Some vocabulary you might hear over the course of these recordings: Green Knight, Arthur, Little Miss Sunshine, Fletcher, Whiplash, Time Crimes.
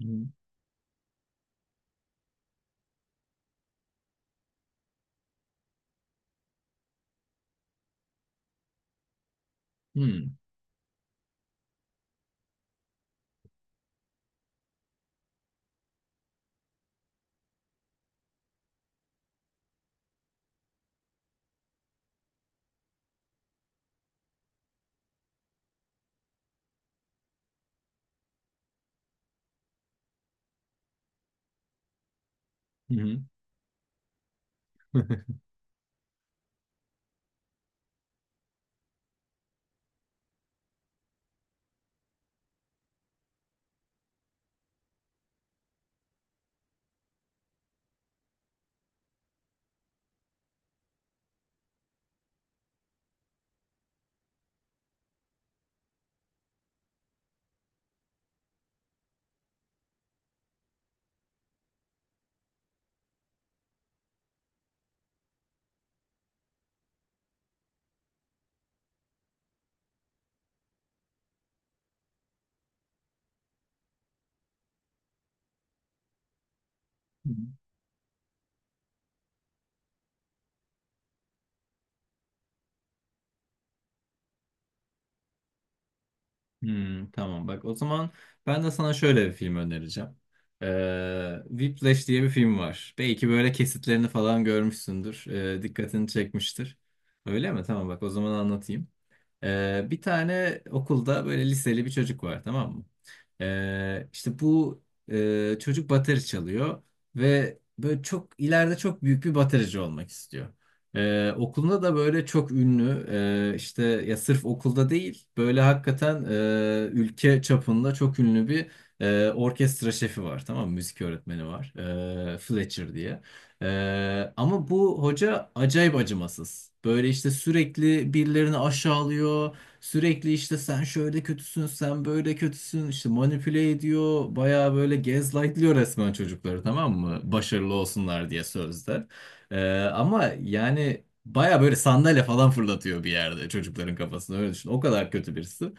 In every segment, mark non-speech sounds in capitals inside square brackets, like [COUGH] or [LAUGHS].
Hmm. Hmm. Hı hı. [LAUGHS] Hmm, tamam bak o zaman ben de sana şöyle bir film önereceğim. Whiplash diye bir film var. Belki böyle kesitlerini falan görmüşsündür. Dikkatini çekmiştir. Öyle mi? Tamam bak o zaman anlatayım. Bir tane okulda böyle liseli bir çocuk var, tamam mı? Ee, işte bu Çocuk bateri çalıyor ve böyle çok ileride çok büyük bir baterici olmak istiyor. Okulunda da böyle çok ünlü, işte ya sırf okulda değil, böyle hakikaten ülke çapında çok ünlü bir orkestra şefi var, tamam mı? Müzik öğretmeni var, Fletcher diye. Ama bu hoca acayip acımasız. Böyle işte sürekli birilerini aşağılıyor. Sürekli işte sen şöyle kötüsün, sen böyle kötüsün. İşte manipüle ediyor. Bayağı böyle gaslightlıyor resmen çocukları, tamam mı? Başarılı olsunlar diye sözde. Ama yani bayağı böyle sandalye falan fırlatıyor bir yerde çocukların kafasına, öyle düşün. O kadar kötü birisi.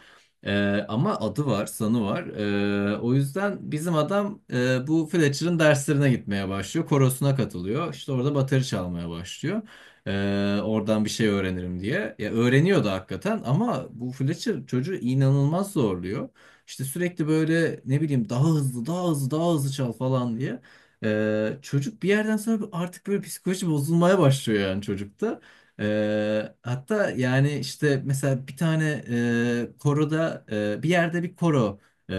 Ama adı var, sanı var. O yüzden bizim adam, bu Fletcher'ın derslerine gitmeye başlıyor. Korosuna katılıyor. İşte orada bateri çalmaya başlıyor. Oradan bir şey öğrenirim diye. Ya öğreniyordu hakikaten ama bu Fletcher çocuğu inanılmaz zorluyor. İşte sürekli böyle ne bileyim daha hızlı, daha hızlı, daha hızlı çal falan diye. Çocuk bir yerden sonra artık böyle psikoloji bozulmaya başlıyor yani çocukta. Hatta yani işte mesela bir tane koroda bir yerde bir koro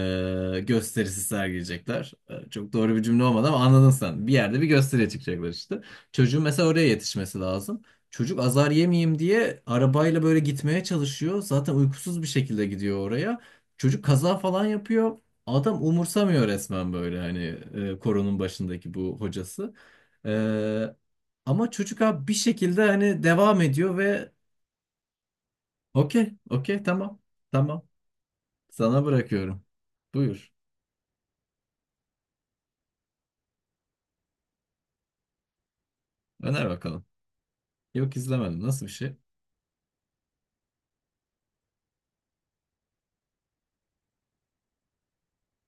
gösterisi sergileyecekler. Çok doğru bir cümle olmadı ama anladın sen. Bir yerde bir gösteriye çıkacaklar işte. Çocuğun mesela oraya yetişmesi lazım. Çocuk azar yemeyeyim diye arabayla böyle gitmeye çalışıyor. Zaten uykusuz bir şekilde gidiyor oraya. Çocuk kaza falan yapıyor. Adam umursamıyor resmen böyle hani koronun başındaki bu hocası. Ama çocuk abi bir şekilde hani devam ediyor ve okey, okey, tamam, tamam. Sana bırakıyorum. Buyur. Öner bakalım. Yok, izlemedim. Nasıl bir şey?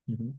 Hı hı.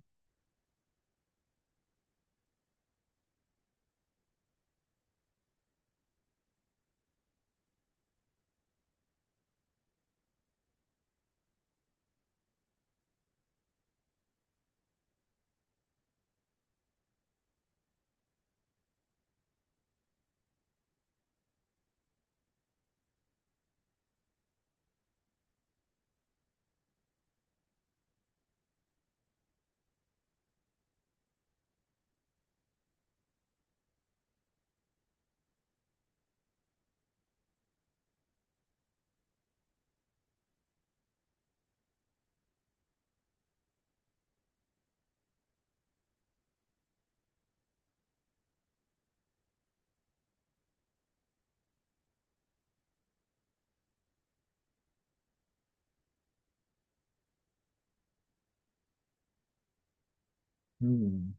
Hmm.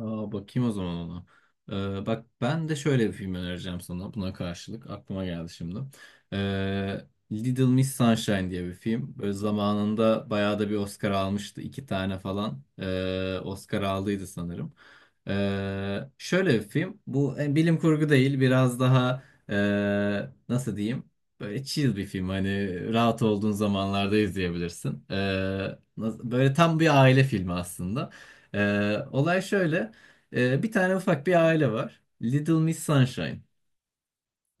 Aa, bakayım o zaman ona. Bak, ben de şöyle bir film önereceğim sana buna karşılık. Aklıma geldi şimdi. Ee, Little Miss Sunshine diye bir film. Böyle zamanında bayağı da bir Oscar almıştı. İki tane falan Oscar aldıydı sanırım. Şöyle bir film. Bu bilim kurgu değil. Biraz daha nasıl diyeyim? Böyle chill bir film. Hani rahat olduğun zamanlarda izleyebilirsin. Böyle tam bir aile filmi aslında. Olay şöyle. Bir tane ufak bir aile var. Little Miss Sunshine.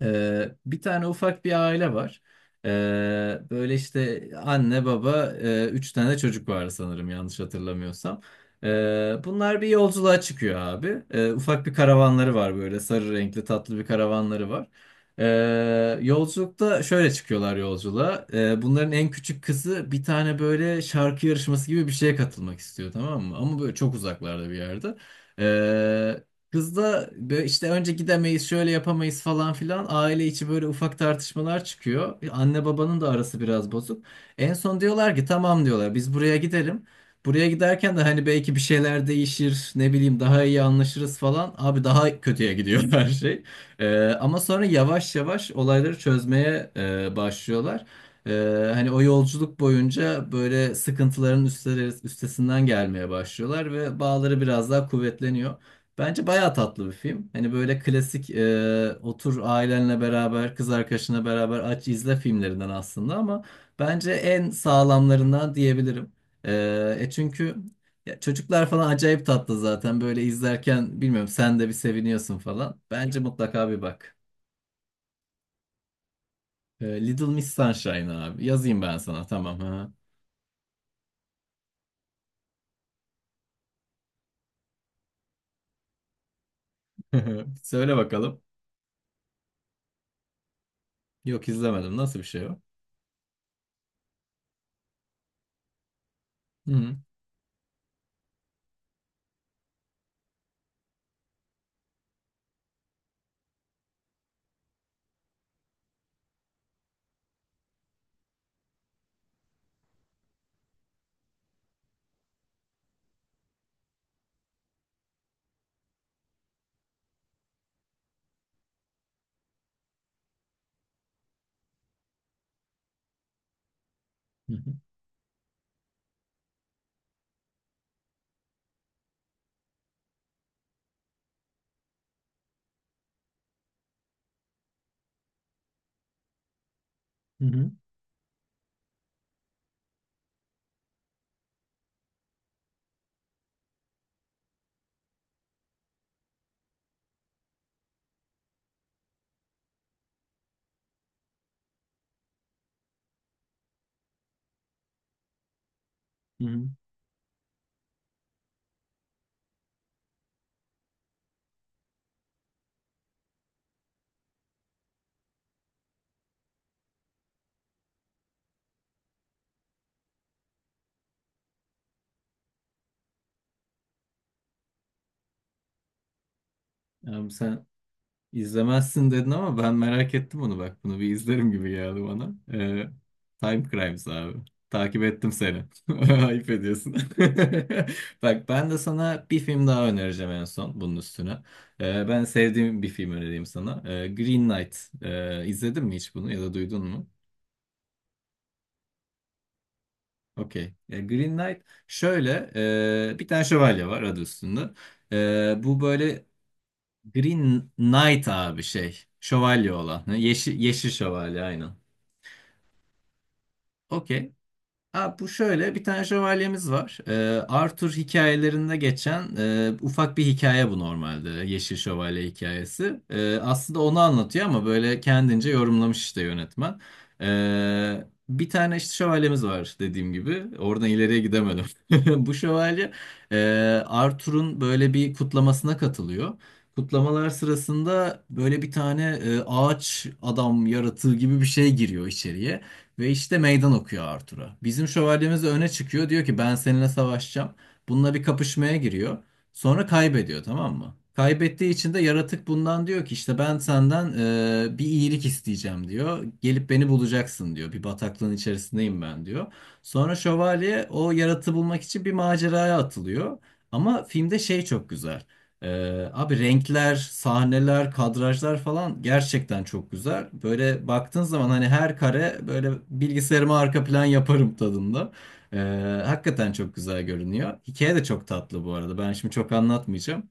Bir tane ufak bir aile var. Böyle işte anne baba, üç tane çocuk var sanırım yanlış hatırlamıyorsam. Bunlar bir yolculuğa çıkıyor abi. Ufak bir karavanları var, böyle sarı renkli tatlı bir karavanları var. Yolculukta şöyle çıkıyorlar yolculuğa. Bunların en küçük kızı bir tane böyle şarkı yarışması gibi bir şeye katılmak istiyor, tamam mı? Ama böyle çok uzaklarda bir yerde. Kız da böyle işte önce gidemeyiz, şöyle yapamayız falan filan, aile içi böyle ufak tartışmalar çıkıyor. Anne babanın da arası biraz bozuk. En son diyorlar ki tamam, diyorlar biz buraya gidelim. Buraya giderken de hani belki bir şeyler değişir, ne bileyim, daha iyi anlaşırız falan. Abi daha kötüye gidiyor [LAUGHS] her şey. Ama sonra yavaş yavaş olayları çözmeye başlıyorlar. Hani o yolculuk boyunca böyle sıkıntıların üstesinden gelmeye başlıyorlar ve bağları biraz daha kuvvetleniyor. Bence bayağı tatlı bir film. Hani böyle klasik, otur ailenle beraber, kız arkadaşına beraber aç izle filmlerinden aslında, ama bence en sağlamlarından diyebilirim. Çünkü ya çocuklar falan acayip tatlı zaten. Böyle izlerken bilmiyorum sen de bir seviniyorsun falan. Bence mutlaka bir bak. Little Miss Sunshine abi. Yazayım ben sana, tamam ha. [LAUGHS] Söyle bakalım. Yok, izlemedim. Nasıl bir şey o? Hı hı. Hı hı. Hı hı. Hı hı. Abi sen İzlemezsin dedin ama ben merak ettim onu, bak. Bunu bir izlerim gibi geldi bana. Time Crimes abi. Takip ettim seni. [LAUGHS] Ayıp ediyorsun. [LAUGHS] Bak, ben de sana bir film daha önereceğim en son bunun üstüne. Ben sevdiğim bir film önereyim sana. Green Knight. İzledin mi hiç bunu ya da duydun mu? Okey. Ya Green Knight şöyle, bir tane şövalye var, adı üstünde. Bu böyle Green Knight abi şey. Şövalye olan. Ha, yeşil, yeşil şövalye, aynen. Okey. Abi bu şöyle, bir tane şövalyemiz var. Arthur hikayelerinde geçen ufak bir hikaye bu normalde. Yeşil Şövalye hikayesi. Aslında onu anlatıyor ama böyle kendince yorumlamış işte yönetmen. Bir tane işte şövalyemiz var dediğim gibi. Oradan ileriye gidemedim. [LAUGHS] Bu şövalye e, Arthur'un böyle bir kutlamasına katılıyor. Kutlamalar sırasında böyle bir tane ağaç adam yaratığı gibi bir şey giriyor içeriye. Ve işte meydan okuyor Arthur'a. Bizim şövalyemiz de öne çıkıyor. Diyor ki ben seninle savaşacağım. Bununla bir kapışmaya giriyor. Sonra kaybediyor, tamam mı? Kaybettiği için de yaratık bundan diyor ki işte ben senden bir iyilik isteyeceğim diyor. Gelip beni bulacaksın diyor. Bir bataklığın içerisindeyim ben diyor. Sonra şövalye o yaratığı bulmak için bir maceraya atılıyor. Ama filmde şey çok güzel. Abi renkler, sahneler, kadrajlar falan gerçekten çok güzel. Böyle baktığın zaman hani her kare böyle bilgisayarıma arka plan yaparım tadında. Ee, Hakikaten çok güzel görünüyor. Hikaye de çok tatlı bu arada. Ben şimdi çok anlatmayacağım.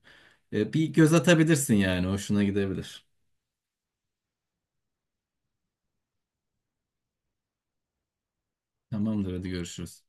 Bir göz atabilirsin yani. Hoşuna gidebilir. Tamamdır hadi görüşürüz.